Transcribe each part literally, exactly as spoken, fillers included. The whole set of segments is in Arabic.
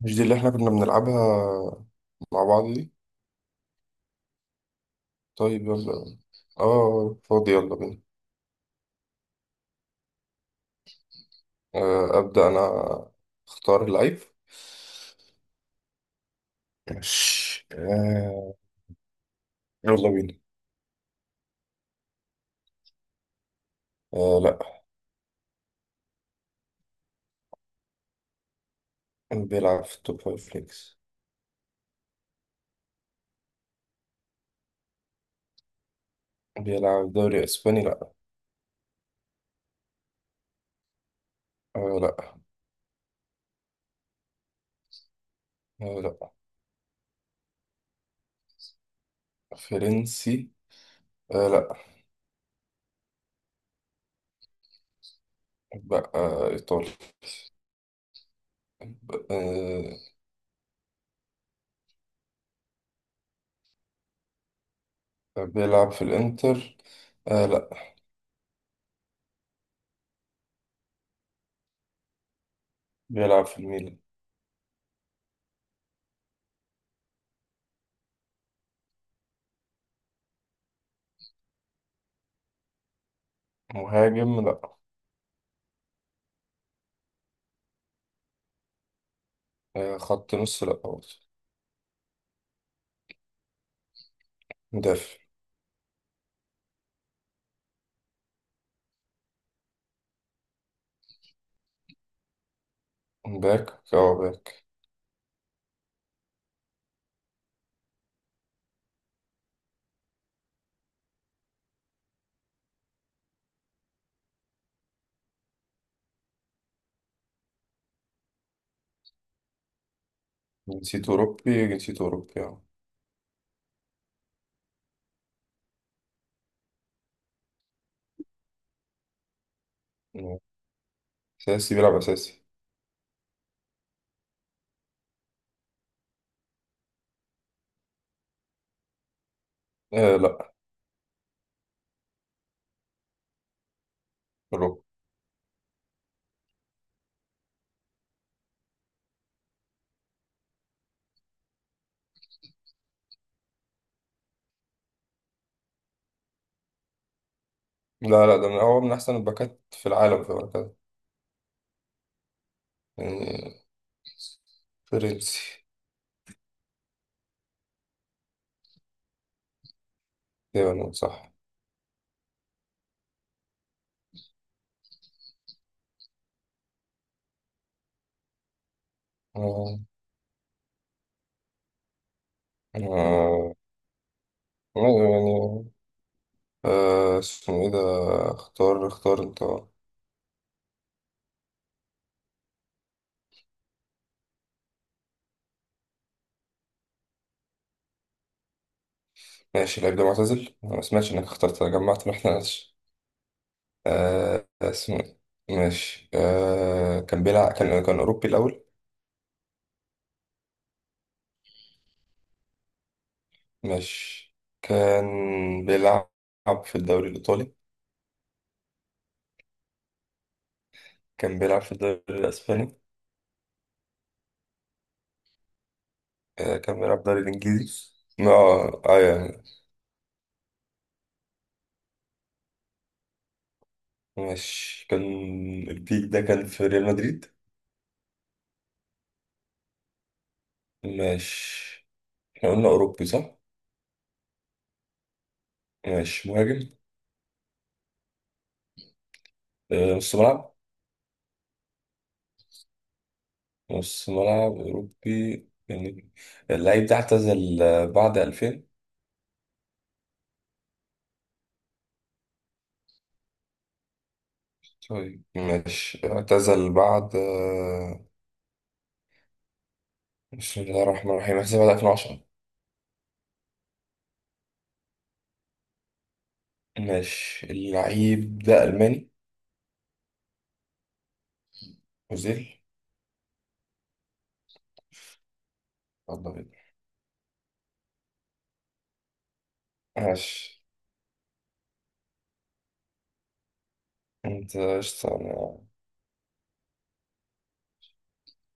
مش دي اللي احنا كنا بنلعبها مع بعض دي. طيب يلا، اه فاضي، يلا بينا. آه، أبدأ أنا، أختار اللعيب. ماشي آه، يلا بينا. آه لا. بيلعب في التوب فايف ليجز. بيلعب دوري اسباني لا. آه لا. آه لا. فرنسي، آه لا. بقى آه ايطالي، آه. بيلعب في الانتر، آه لا. بيلعب في الميلان. مهاجم لا. آه خط نص لا برضه. مدافع، باك، اه باك. جنسيته أوروبي، جنسيته أوروبي اه. أساسي، بيلعب أساسي. آه لا، أوروبي. لا لا، ده من هو من أحسن الباكات في العالم في الوقت يعني. فرنسي. تقريبا نقول صح. آه. آه يعني، آه اسمه إيه ده، اختار اختار أنت. ماشي، اللعيب ده معتزل، أنا ما سمعتش إنك اخترت، أنا جمعت ما إحناش. آه اسمه إيه. ماشي آه، كان بيلعب، كان كان أوروبي الأول. ماشي، كان بيلعب في الدوري الإيطالي. كان بيلعب في الدوري الأسباني. آه، كان بيلعب في الدوري الإنجليزي. ما آه يعني. ماشي كان، البيك ده كان في ريال مدريد. ماشي، احنا قلنا أوروبي صح؟ ماشي، مهاجم. آه، نص ملعب. نص ملعب أوروبي يعني. اللعيب ده اعتزل آه، بعد ألفين. طيب ماشي، اعتزل بعد آه، بسم الله الرحمن الرحيم، اعتزل بعد ألفين وعشرة. ماشي، اللعيب ده ألماني، أوزيل. الله يبارك. ماشي، أنت قشطة. أنا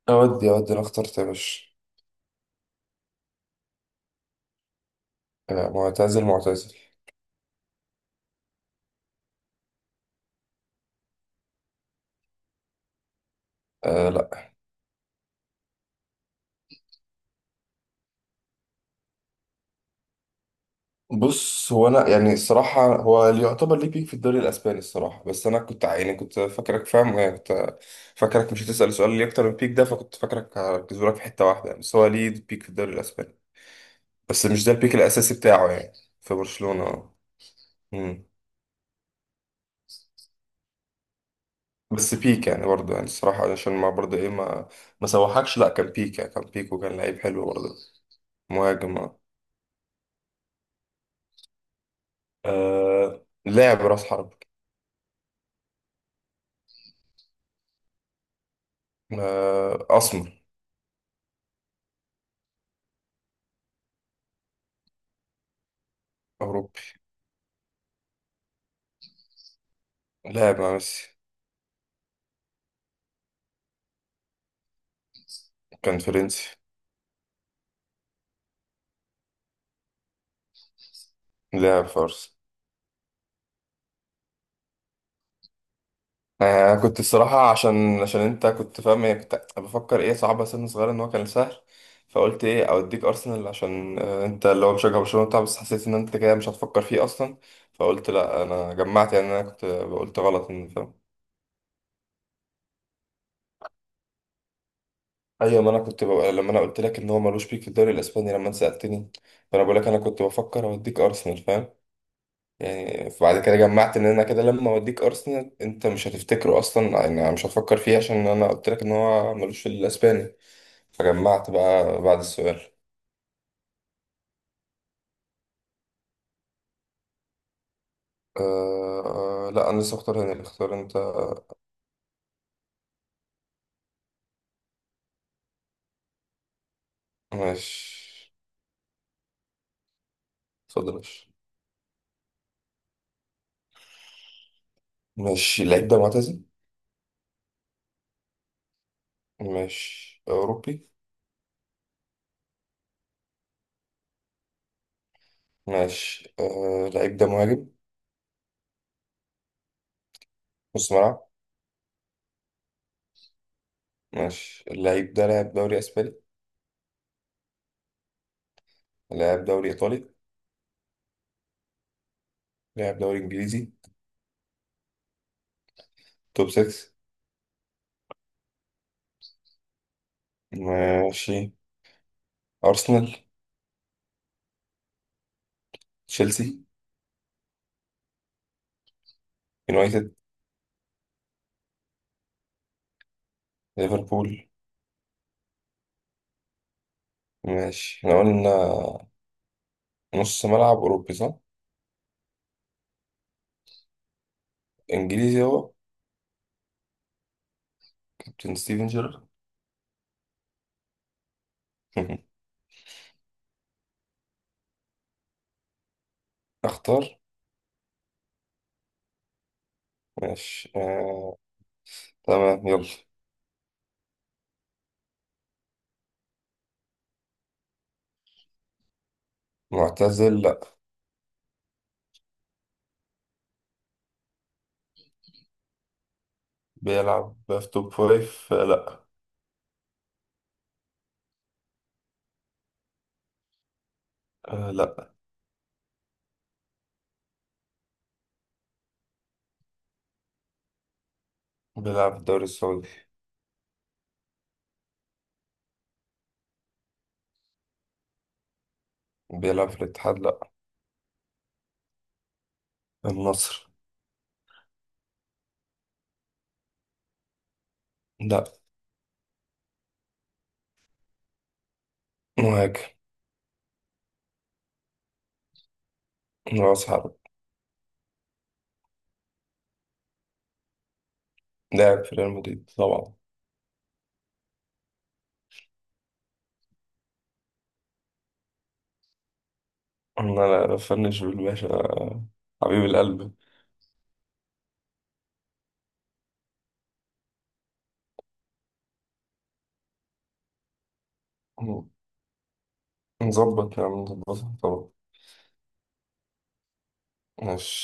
أودي أودي، أنا اخترت يا باشا. آه، معتزل معتزل. أه لا. بص، هو أنا يعني الصراحة، هو اللي يعتبر ليه بيك في الدوري الأسباني الصراحة، بس أنا كنت يعني كنت فاكرك فاهم، يعني كنت فاكرك مش هتسأل سؤال ليه أكتر من بيك ده، فكنت فاكرك هركزه لك في حتة واحدة يعني. بس هو ليه بيك في الدوري الأسباني، بس مش ده البيك الأساسي بتاعه يعني. في برشلونة أه. مم. بس بيك يعني برضه يعني الصراحة عشان ما برضه ايه، ما ما سوحكش، لا كان بيك يعني، كان بيك وكان لعيب حلو برضه. مهاجم اه. آه، لاعب راس حرب. آه، أسمر، أوروبي. لاعب مع ميسي. كان فرنسي. لاعب فارس. آه كنت الصراحة عشان عشان انت كنت فاهم، يعني كنت بفكر ايه صعبة سن صغيرة، ان هو كان سهل، فقلت ايه اوديك ارسنال عشان آه، انت اللي هو مشجع برشلونة بتاع، بس حسيت ان انت كده مش هتفكر فيه اصلا، فقلت لا انا جمعت يعني، انا كنت قلت غلط ان فاهم. ايوه، ما انا كنت بقى لما انا قلت لك ان هو ملوش بيك في الدوري الاسباني، لما انت سالتني، فانا بقول لك انا كنت بفكر اوديك ارسنال فاهم. يعني بعد كده جمعت ان انا كده لما اوديك ارسنال انت مش هتفتكره اصلا يعني، مش هتفكر فيه، عشان انا قلت لك ان هو ملوش في الاسباني، فجمعت بقى بعد السؤال. أه لا، انا لسه اختار هنا، اللي اختار انت. ماشي، اتفضل ماشي. ماشي، اللعيب ده معتزل. ماشي، اوروبي. ماشي أه، اللعيب ده مهاجم، نص ملعب. ماشي، اللعيب ده لعب دوري اسباني، لعب دوري ايطالي، لعب دوري انجليزي. توب ستة. ماشي، ارسنال، تشيلسي، يونايتد، ليفربول. ماشي، احنا قلنا نص ملعب اوروبي صح؟ انجليزي هو، كابتن ستيفن جيرارد. اختار. ماشي آه. تمام، يلا. معتزل لا. بيلعب في توب فايف آه، لا. آه. لا. بيلعب في الدوري السعودي. بيلعب في الاتحاد لا. النصر. لا. مهاجم، راس حرب. لاعب في ريال مدريد طبعا. انا لا فنش بالباشا، حبيب القلب. مظبط نعم، مظبطها طبعا. ماشي